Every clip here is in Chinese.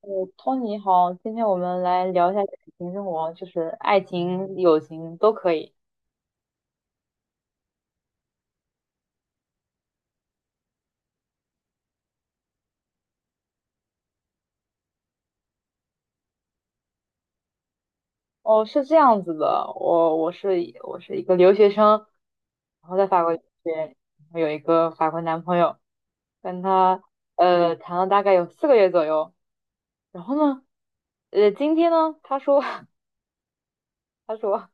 我托尼好，今天我们来聊一下感情生活，就是爱情、友情都可以。哦，是这样子的，我是一个留学生，然后在法国留学，然后有一个法国男朋友，跟他谈了大概有四个月左右，然后呢，今天呢，他说 他说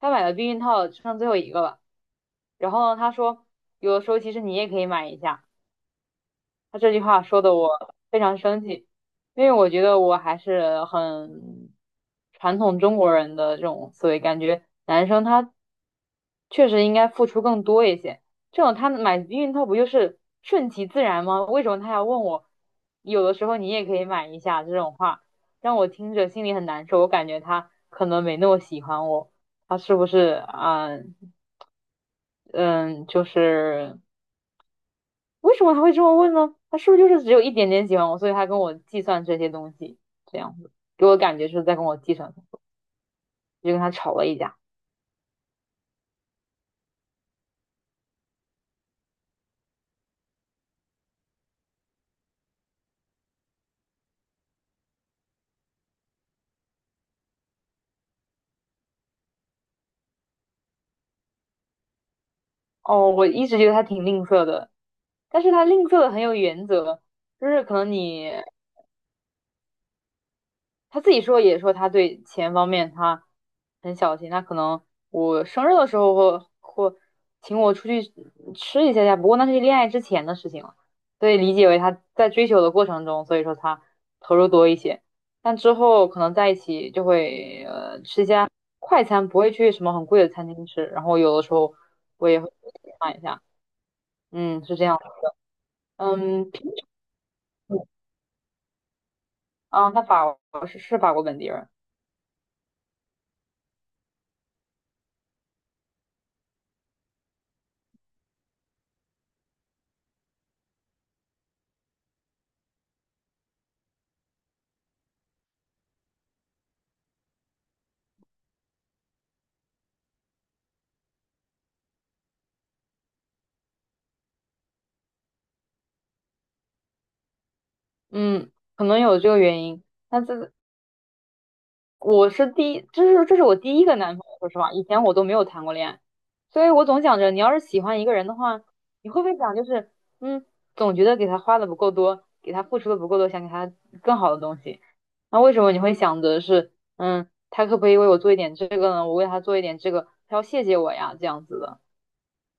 他买了避孕套，只剩最后一个了，然后呢，他说有的时候其实你也可以买一下。他这句话说的我非常生气，因为我觉得我还是很传统中国人的这种思维，感觉男生他确实应该付出更多一些。这种他买避孕套不就是顺其自然吗？为什么他要问我？有的时候你也可以买一下这种话，让我听着心里很难受。我感觉他可能没那么喜欢我，他是不是啊？嗯，就是。为什么他会这么问呢？他是不是就是只有一点点喜欢我，所以他跟我计算这些东西，这样子给我感觉是在跟我计算，就跟他吵了一架。哦，我一直觉得他挺吝啬的，但是他吝啬的很有原则，就是可能你他自己说也说他对钱方面他很小心，他可能我生日的时候会请我出去吃一下下，不过那是恋爱之前的事情了，所以理解为他在追求的过程中，所以说他投入多一些，但之后可能在一起就会吃一下快餐，不会去什么很贵的餐厅吃，然后有的时候我也会看一下，嗯，是这样的，嗯，平啊，他法国是法国本地人，嗯，可能有这个原因。那这我是第一，这是我第一个男朋友，说实话，以前我都没有谈过恋爱，所以我总想着，你要是喜欢一个人的话，你会不会想就是，嗯，总觉得给他花的不够多，给他付出的不够多，想给他更好的东西。那为什么你会想着是，嗯，他可不可以为我做一点这个呢？我为他做一点这个，他要谢谢我呀，这样子的。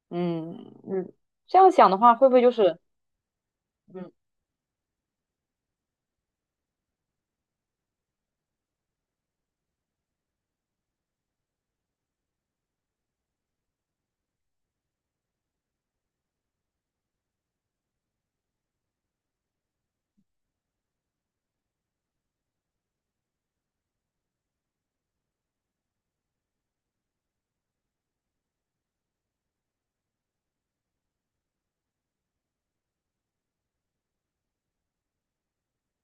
嗯嗯，这样想的话，会不会就是，嗯，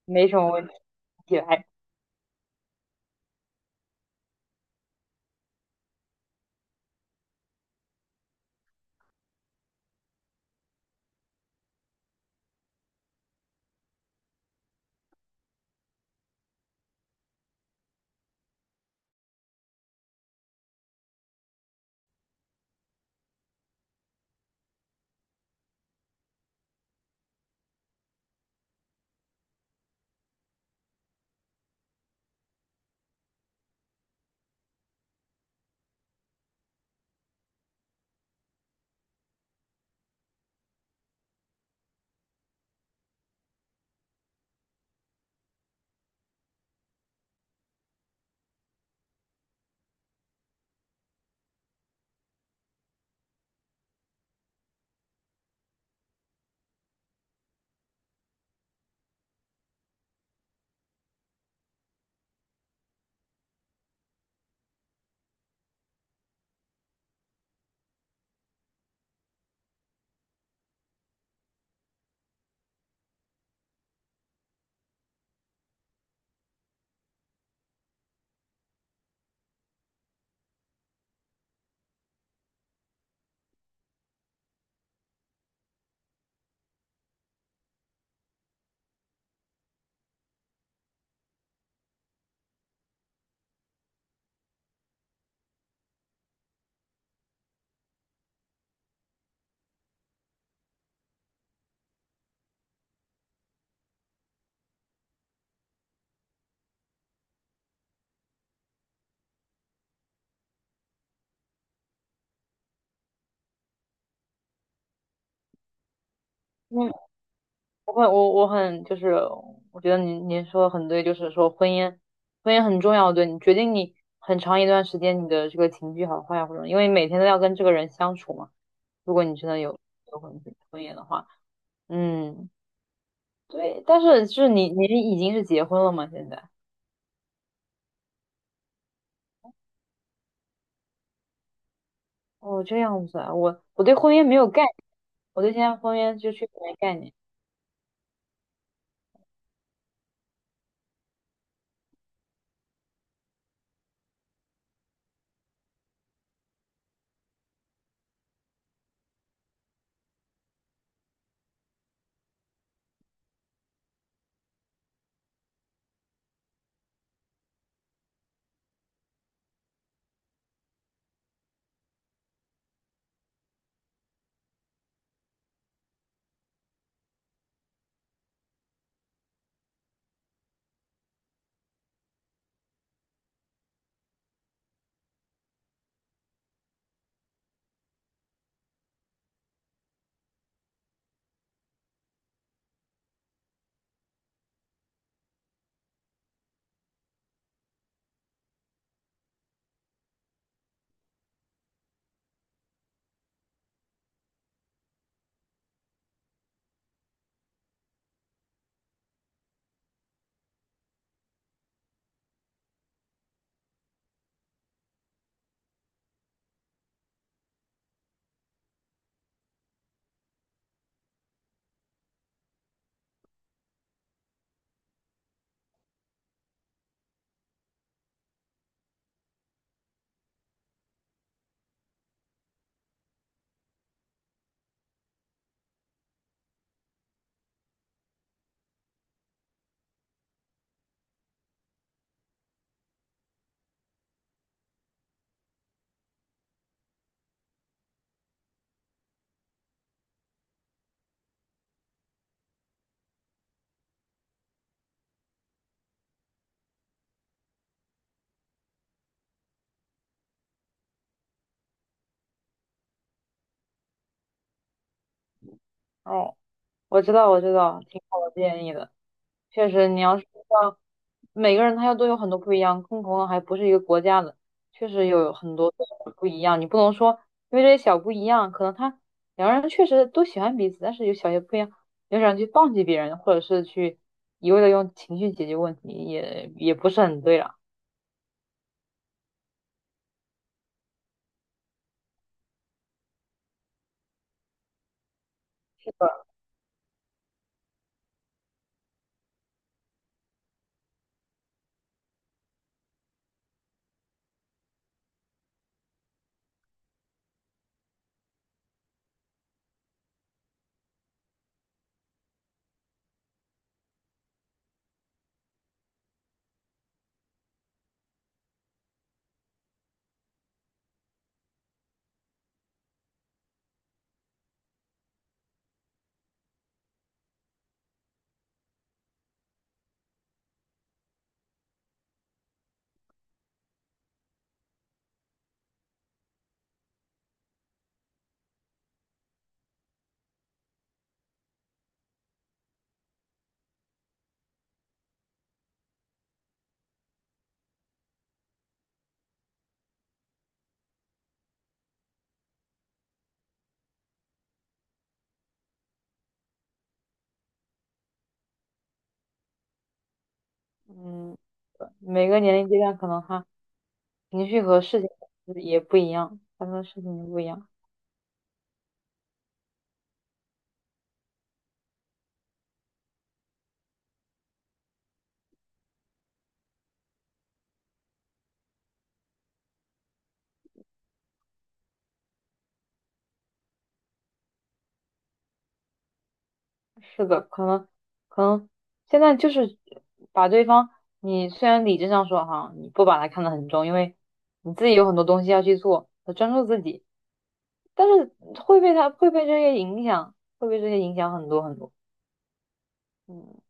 没什么问题来？嗯我很我很就是，我觉得您说的很对，就是说婚姻，婚姻很重要，对你决定你很长一段时间你的这个情绪好坏呀，或者因为每天都要跟这个人相处嘛。如果你真的有有婚婚姻的话，嗯，对。但是就是你已经是结婚了吗？现在？哦，这样子啊，我对婚姻没有概念，我对现在婚姻就确实没概念。哦，我知道我知道，挺好的建议的。确实，你要是道每个人他要都有很多不一样，更何况还不是一个国家的，确实有很多不一样。你不能说因为这些小不一样，可能他两个人确实都喜欢彼此，但是有小些不一样，你就想去放弃别人，或者是去一味的用情绪解决问题，也不是很对了。是的，嗯，每个年龄阶段可能他情绪和事情也不一样，发生的事情也不一样。是的，可能现在就是把对方，你虽然理智上说哈，你不把他看得很重，因为你自己有很多东西要去做，要专注自己，但是会被这些影响，会被这些影响很多很多。嗯，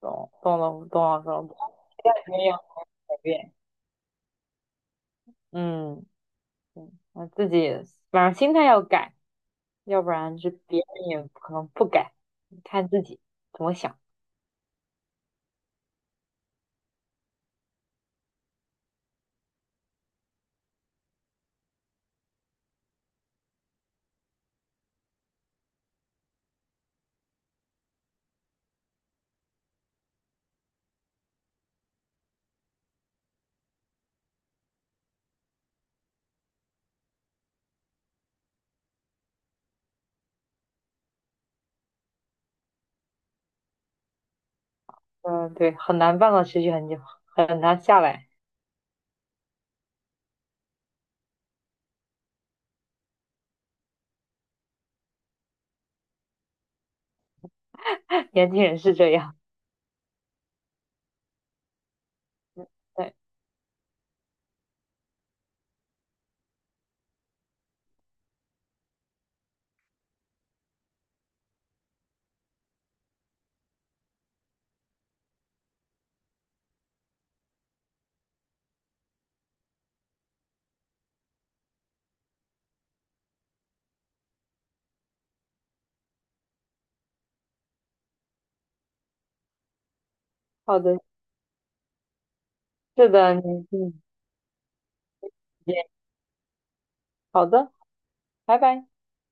懂了，这里也要改变。嗯嗯，那自己反正心态要改，要不然就别人也可能不改，看自己怎么想。嗯，对，很难办到持续很久，很难下来。年轻人是这样。对，好的，是的，年轻人，好的，拜拜。